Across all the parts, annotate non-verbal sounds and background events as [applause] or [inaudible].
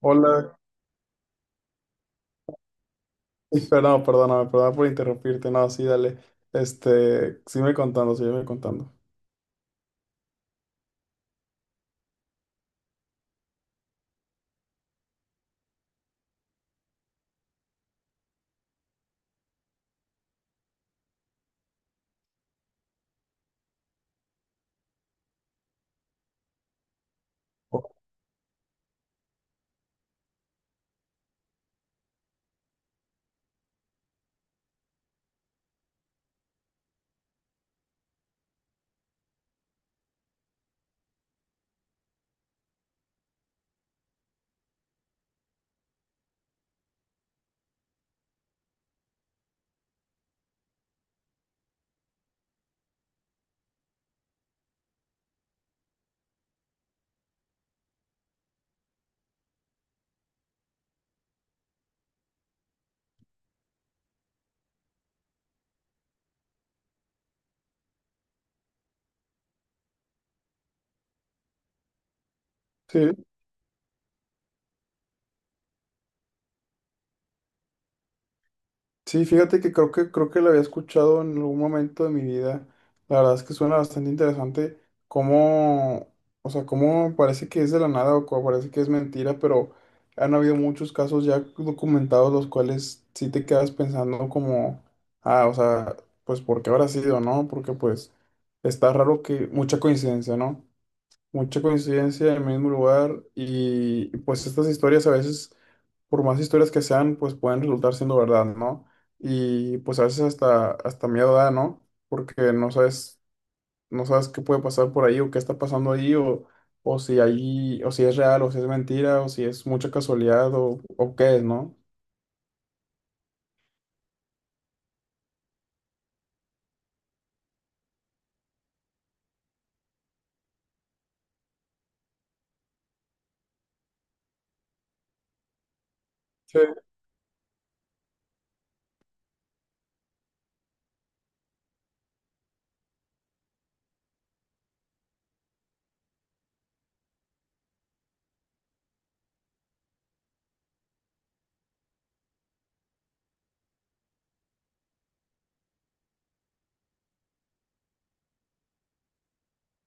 Hola. [laughs] Perdón, perdóname, perdón por interrumpirte. No, sí, dale. Sígueme contando, sígueme contando. Sí, sí, fíjate que creo que lo había escuchado en algún momento de mi vida. La verdad es que suena bastante interesante cómo, o sea, cómo parece que es de la nada o cómo parece que es mentira, pero han habido muchos casos ya documentados los cuales sí te quedas pensando como, ah, o sea, pues ¿por qué habrá sido, no? Porque pues está raro que mucha coincidencia, ¿no? Mucha coincidencia en el mismo lugar y pues estas historias a veces, por más historias que sean, pues pueden resultar siendo verdad, ¿no? Y pues a veces hasta miedo da, ¿no? Porque no sabes, no sabes qué puede pasar por ahí o qué está pasando ahí o si ahí, o si es real o si es mentira o si es mucha casualidad o qué es, ¿no? Sí.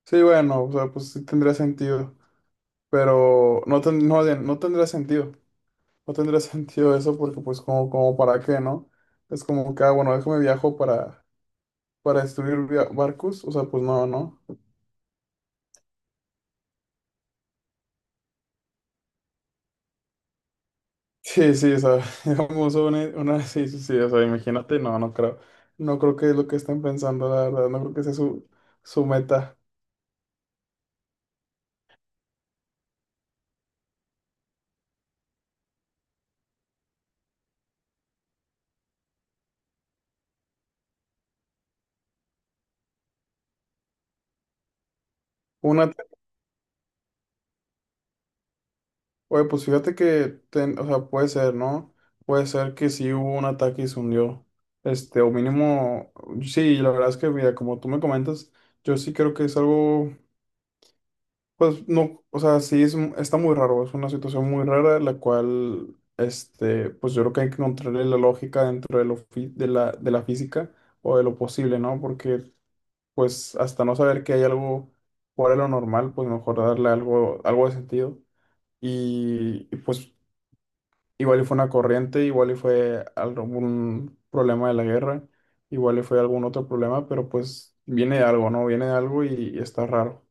Sí, bueno, o sea, pues sí tendría sentido, pero no, no tendría sentido. No tendría [laughs] sentido eso porque pues como para qué, ¿no? Es como que, ah, bueno, déjame viajo para destruir barcos, o sea, pues no, ¿no? [laughs] Sí, sí, o sea, [laughs] digamos sí, sí, sí, o sea, imagínate, no creo que es lo que están pensando, la verdad, no creo que sea su meta. Una, Oye, pues fíjate que, o sea, puede ser, ¿no? Puede ser que sí hubo un ataque y se hundió, o mínimo, sí, la verdad es que, mira, como tú me comentas, yo sí creo que es algo. Pues no, o sea, sí es, está muy raro, es una situación muy rara, la cual, pues yo creo que hay que encontrarle la lógica dentro de, lo fi- de la física o de lo posible, ¿no? Porque, pues, hasta no saber que hay algo fuera de lo normal, pues mejor darle algo de sentido. Y, pues, igual y fue una corriente, igual y fue algún problema de la guerra, igual y fue algún otro problema, pero pues viene de algo, ¿no? Viene de algo y está raro.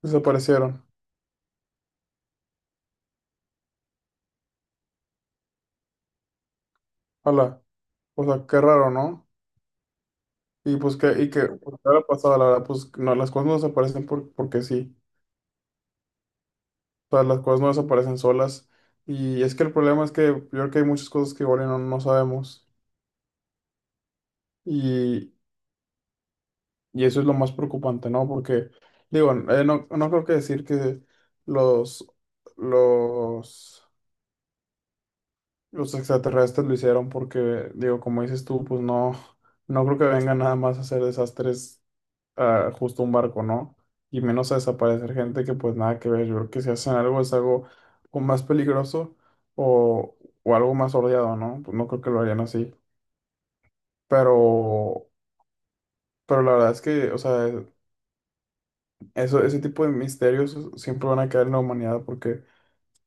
Desaparecieron. Hola. O sea, qué raro, ¿no? Y que, pues, ¿qué habrá pasado? La verdad, pues no, las cosas no desaparecen porque sí. O sea, las cosas no desaparecen solas. Y es que el problema es que yo creo que hay muchas cosas que igual y no sabemos. Y, y eso es lo más preocupante, ¿no? Porque, digo, no creo que decir que los, los, los extraterrestres lo hicieron porque, digo, como dices tú, pues no, no creo que vengan nada más a hacer desastres a justo un barco, ¿no? Y menos a desaparecer gente que pues nada que ver. Yo creo que si hacen algo es algo o más peligroso o, o algo más ordeado, ¿no? Pues no creo que lo harían así. Pero, pero la verdad es que, o sea, eso, ese tipo de misterios siempre van a quedar en la humanidad porque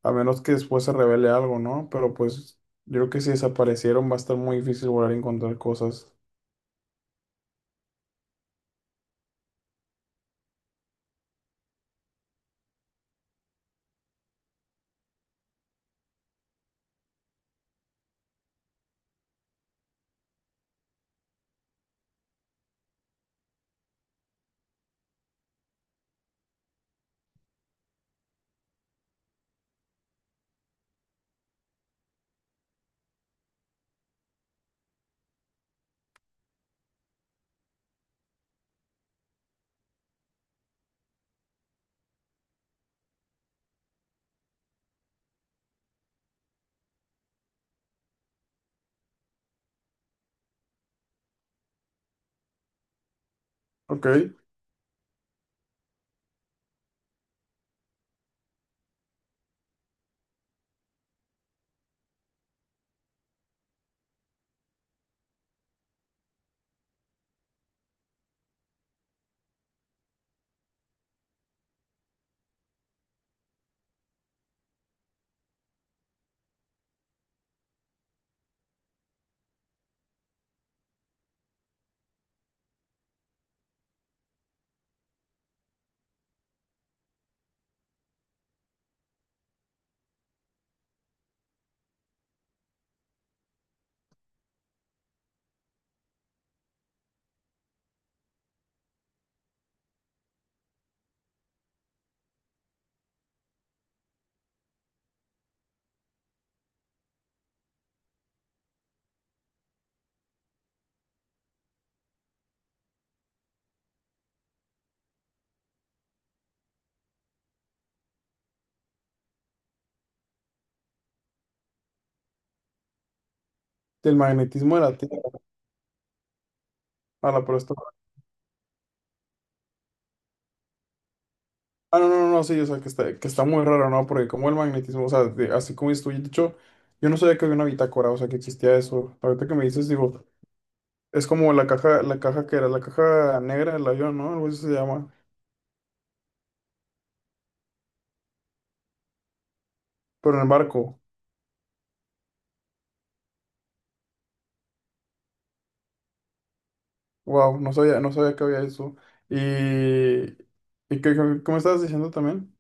a menos que después se revele algo, ¿no? Pero pues yo creo que si desaparecieron va a estar muy difícil volver a encontrar cosas. Ok. Del magnetismo de la Tierra. Ahora, pero está. Ah, no, no, no, sí, o sea, que está, muy raro, ¿no? Porque como el magnetismo, o sea, así como estoy dicho, yo no sabía que había una bitácora, o sea, que existía eso. Ahorita que me dices, digo, es como la caja negra del avión, ¿no? Algo así se llama, pero en el barco. Wow, no sabía, no sabía que había eso. Y que estabas diciendo también.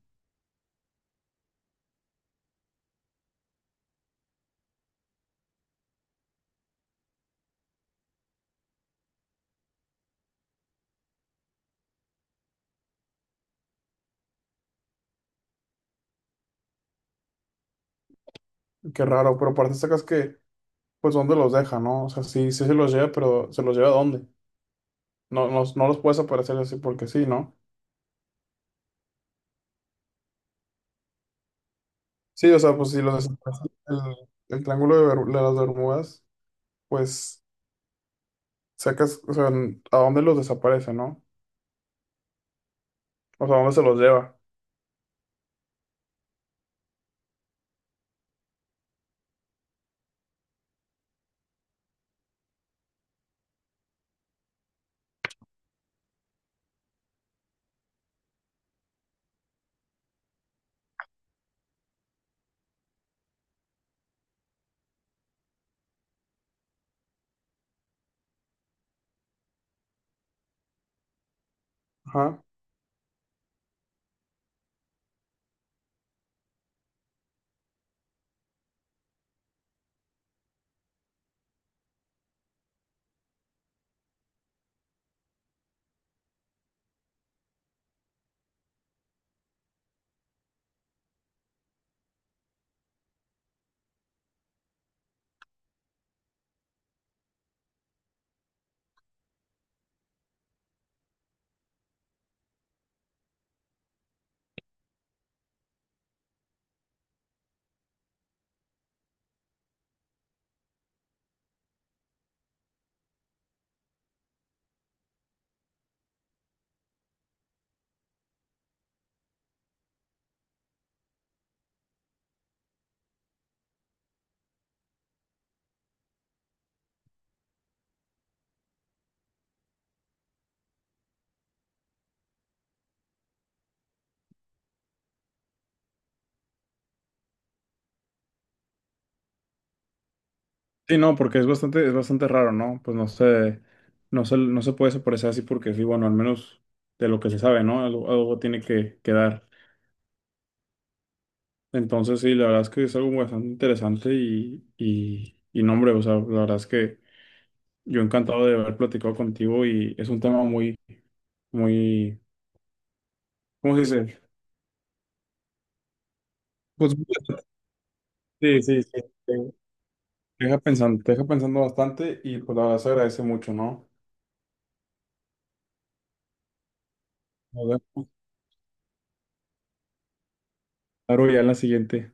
Qué raro, pero aparte sacas que, pues, ¿dónde los deja, no? O sea, sí, sí se los lleva, pero ¿se los lleva a dónde? No, no, no los puedes aparecer así porque sí, ¿no? Sí, o sea, pues si lo desapareces, el triángulo de las Bermudas, pues sacas, o sea, ¿a dónde los desaparece, no? O sea, ¿a dónde se los lleva? Ajá. Sí, no, porque es bastante raro, ¿no? Pues no se puede desaparecer así porque sí, bueno, al menos de lo que se sabe, ¿no? Algo tiene que quedar. Entonces, sí, la verdad es que es algo bastante interesante y no, hombre, o sea, la verdad es que yo encantado de haber platicado contigo y es un tema muy, muy, ¿cómo se dice? Pues. Sí, sí, sí. Te te deja pensando, te deja pensando bastante y pues la verdad se agradece mucho, ¿no? Nos vemos. Claro, ya en la siguiente.